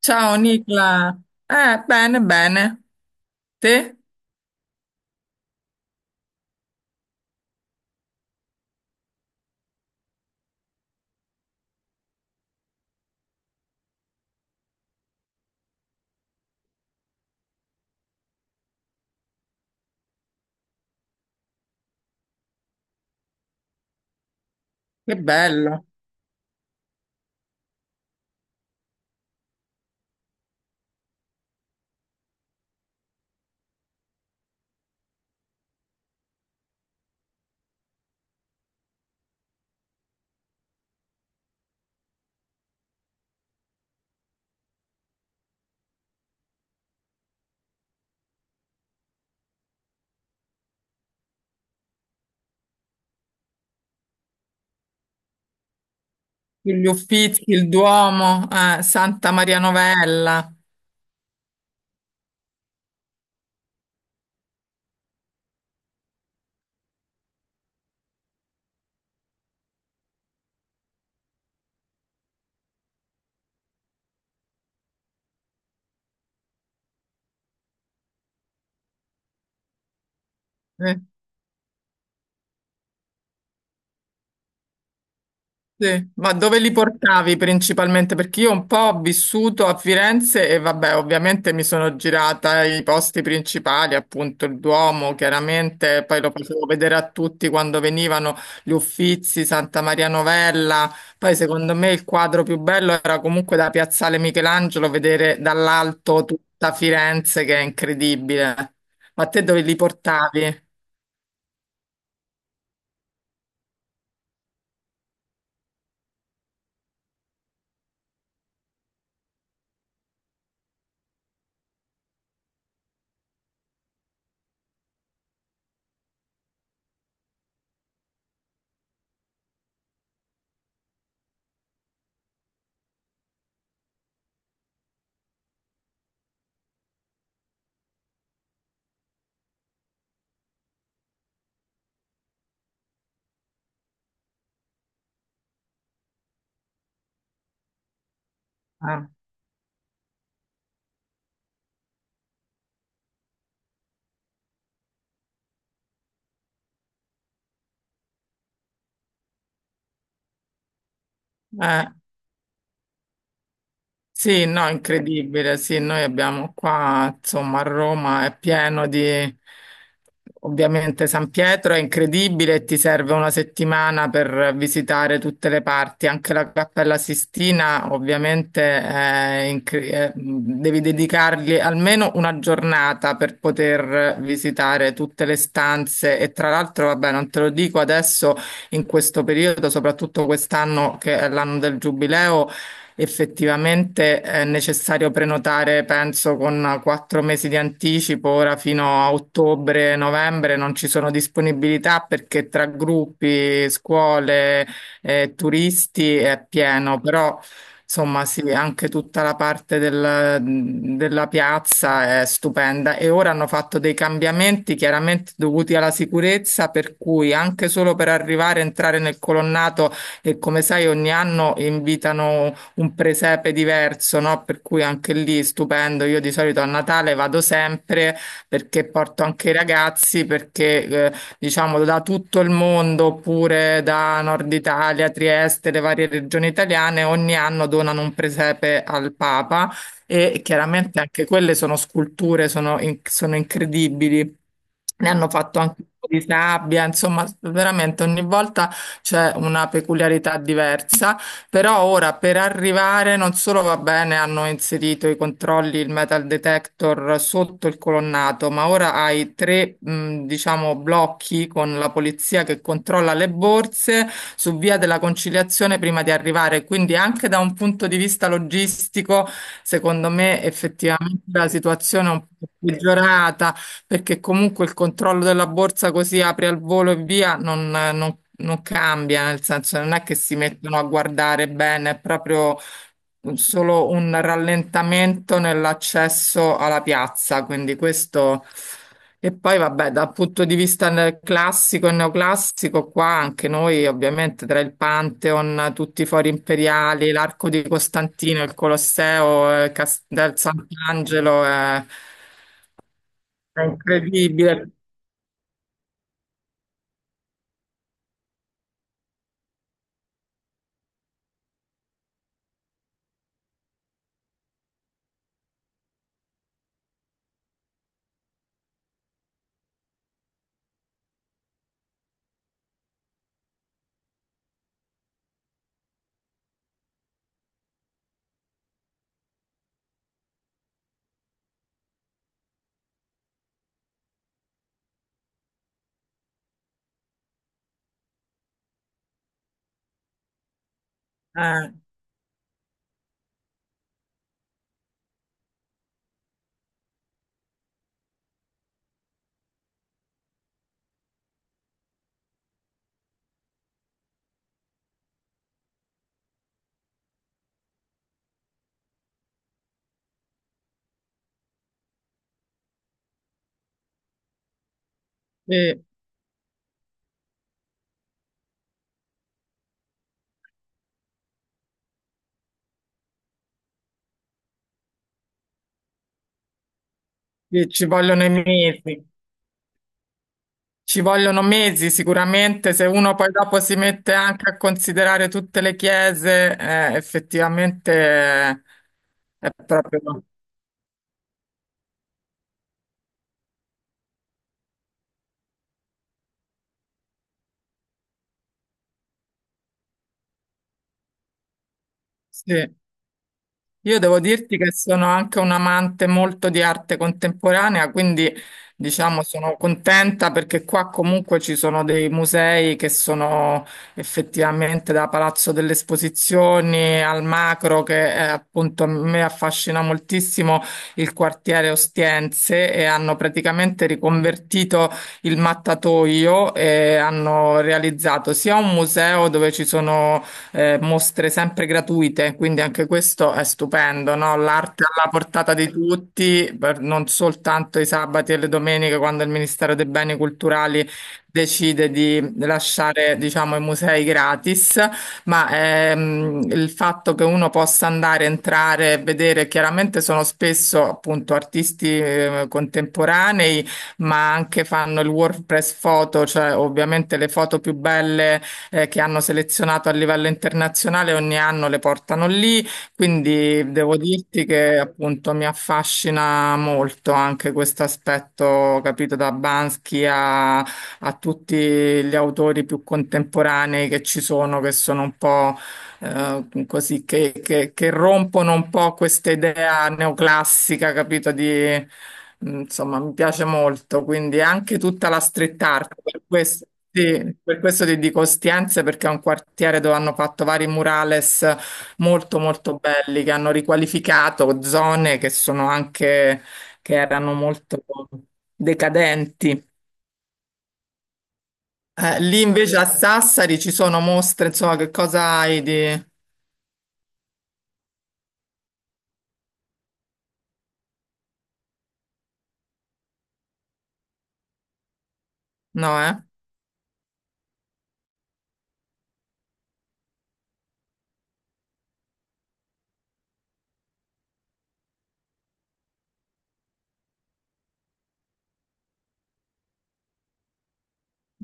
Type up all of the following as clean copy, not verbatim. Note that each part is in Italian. Ciao Nicla, bene, bene. Te? Che bello. Gli Uffizi, il Duomo, Santa Maria Novella. Eh. Sì, ma dove li portavi principalmente? Perché io un po' ho vissuto a Firenze e vabbè, ovviamente mi sono girata i posti principali, appunto il Duomo, chiaramente, poi lo facevo vedere a tutti quando venivano gli Uffizi, Santa Maria Novella, poi secondo me il quadro più bello era comunque da Piazzale Michelangelo vedere dall'alto tutta Firenze che è incredibile. Ma te dove li portavi? Eh. Sì, no, incredibile. Sì, noi abbiamo qua, insomma, a Roma è pieno di... Ovviamente San Pietro è incredibile e ti serve una settimana per visitare tutte le parti, anche la Cappella Sistina, ovviamente è è- devi dedicargli almeno una giornata per poter visitare tutte le stanze e tra l'altro, vabbè, non te lo dico adesso in questo periodo, soprattutto quest'anno che è l'anno del Giubileo. Effettivamente è necessario prenotare, penso, con quattro mesi di anticipo. Ora fino a ottobre, novembre non ci sono disponibilità perché tra gruppi, scuole, turisti è pieno, però insomma sì, anche tutta la parte della piazza è stupenda. E ora hanno fatto dei cambiamenti chiaramente dovuti alla sicurezza, per cui anche solo per arrivare, entrare nel colonnato e come sai ogni anno invitano un presepe diverso, no? Per cui anche lì stupendo. Io di solito a Natale vado sempre perché porto anche i ragazzi, perché diciamo da tutto il mondo, oppure da Nord Italia, Trieste, le varie regioni italiane, ogni anno donano un presepe al Papa e chiaramente anche quelle sono sculture, sono, sono incredibili. Ne hanno fatto anche un po' di sabbia, insomma, veramente ogni volta c'è una peculiarità diversa. Però ora per arrivare non solo va bene, hanno inserito i controlli, il metal detector sotto il colonnato, ma ora hai tre, diciamo, blocchi con la polizia che controlla le borse su via della conciliazione prima di arrivare. Quindi anche da un punto di vista logistico, secondo me effettivamente la situazione è un po' peggiorata perché comunque il controllo della borsa così apri al volo e via non, non cambia, nel senso non è che si mettono a guardare bene, è proprio solo un rallentamento nell'accesso alla piazza, quindi questo... E poi vabbè, dal punto di vista classico e neoclassico, qua anche noi ovviamente tra il Pantheon, tutti i fori imperiali, l'Arco di Costantino, il Colosseo, Cas- del Sant'Angelo, è incredibile, eh, sì, sì, ci vogliono i mesi, ci vogliono mesi sicuramente, se uno poi dopo si mette anche a considerare tutte le chiese, effettivamente è proprio... Sì, io devo dirti che sono anche un amante molto di arte contemporanea, quindi diciamo sono contenta perché qua comunque ci sono dei musei che sono effettivamente da Palazzo delle Esposizioni al Macro, che è, appunto a me affascina moltissimo il quartiere Ostiense e hanno praticamente riconvertito il mattatoio e hanno realizzato sia un museo dove ci sono mostre sempre gratuite, quindi anche questo è stupendo, no? L'arte alla portata di tutti, per- non soltanto i sabati e le domeniche, quando il Ministero dei Beni Culturali decide di lasciare, diciamo, i musei gratis, ma il fatto che uno possa andare, entrare e vedere, chiaramente sono spesso appunto artisti contemporanei, ma anche fanno il WordPress foto, cioè ovviamente le foto più belle che hanno selezionato a livello internazionale, ogni anno le portano lì, quindi devo dirti che appunto mi affascina molto anche questo aspetto, capito, da Bansky a tutti gli autori più contemporanei che ci sono, che sono un po' così che rompono un po' questa idea neoclassica, capito? Di, insomma, mi piace molto, quindi anche tutta la street art, per questo, sì, per questo ti dico Ostiense, perché è un quartiere dove hanno fatto vari murales molto molto belli, che hanno riqualificato zone che sono anche, che erano molto decadenti. Lì invece a Sassari ci sono mostre, insomma, che cosa hai di... No, eh?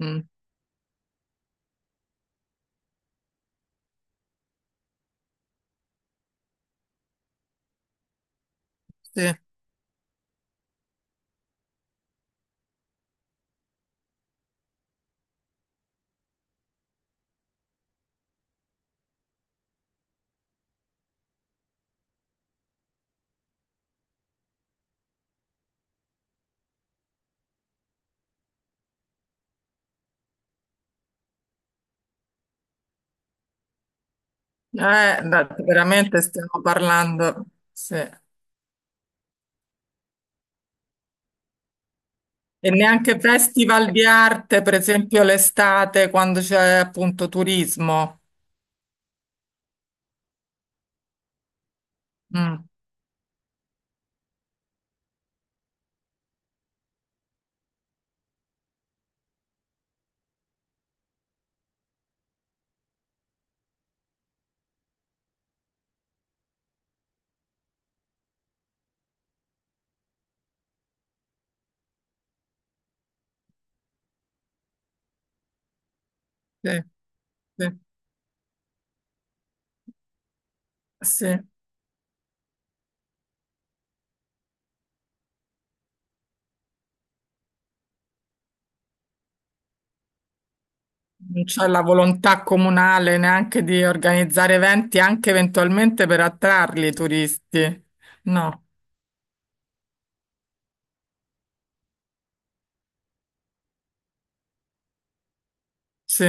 Mm, sì. Veramente stiamo parlando, sì. E neanche festival di arte, per esempio l'estate, quando c'è appunto turismo. Mm, sì, sì, sì. Non c'è la volontà comunale neanche di organizzare eventi, anche eventualmente per attrarli i turisti. No, sì,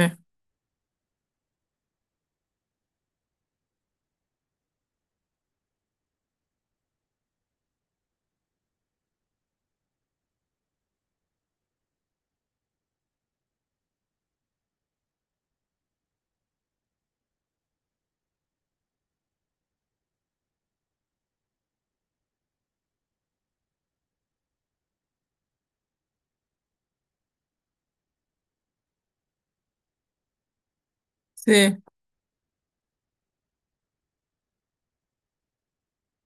sì,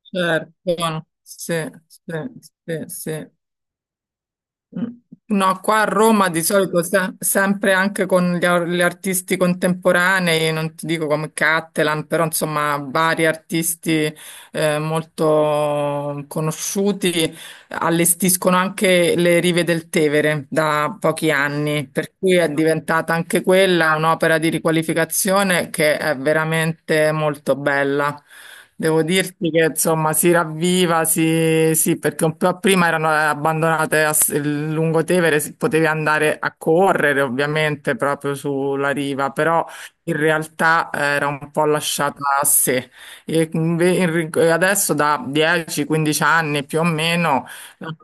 certo, sì, sì, sì, sì. Mm. No, qua a Roma di solito sempre anche con gli artisti contemporanei, non ti dico come Cattelan, però insomma vari artisti molto conosciuti allestiscono anche le rive del Tevere da pochi anni, per cui è diventata anche quella un'opera di riqualificazione che è veramente molto bella. Devo dirti che insomma si ravviva, si- sì, perché un po' prima erano abbandonate a s- il lungotevere, si- potevi andare a correre ovviamente proprio sulla riva, però in realtà era un po' lasciata a sé. E adesso da 10-15 anni più o meno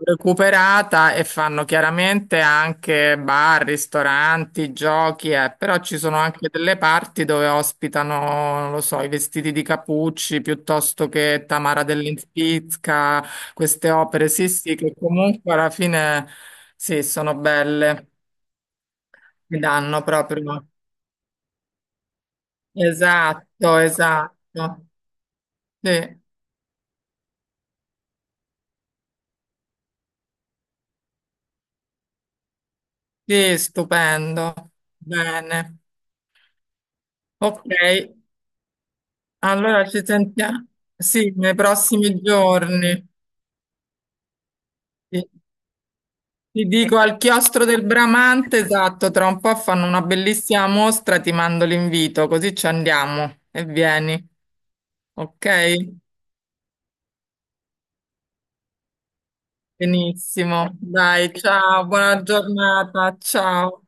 recuperata e fanno chiaramente anche bar, ristoranti, giochi, però ci sono anche delle parti dove ospitano, non lo so, i vestiti di Capucci piuttosto che Tamara dell'Inspizca, queste opere, sì, sì, che comunque alla fine sì, sono belle, mi danno proprio. Esatto, esatto. Sì, sì, stupendo. Bene. Ok. Allora ci sentiamo, sì, nei prossimi giorni. Sì. Ti dico al chiostro del Bramante, esatto, tra un po' fanno una bellissima mostra, ti mando l'invito, così ci andiamo e vieni, ok? Benissimo, dai, ciao, buona giornata, ciao.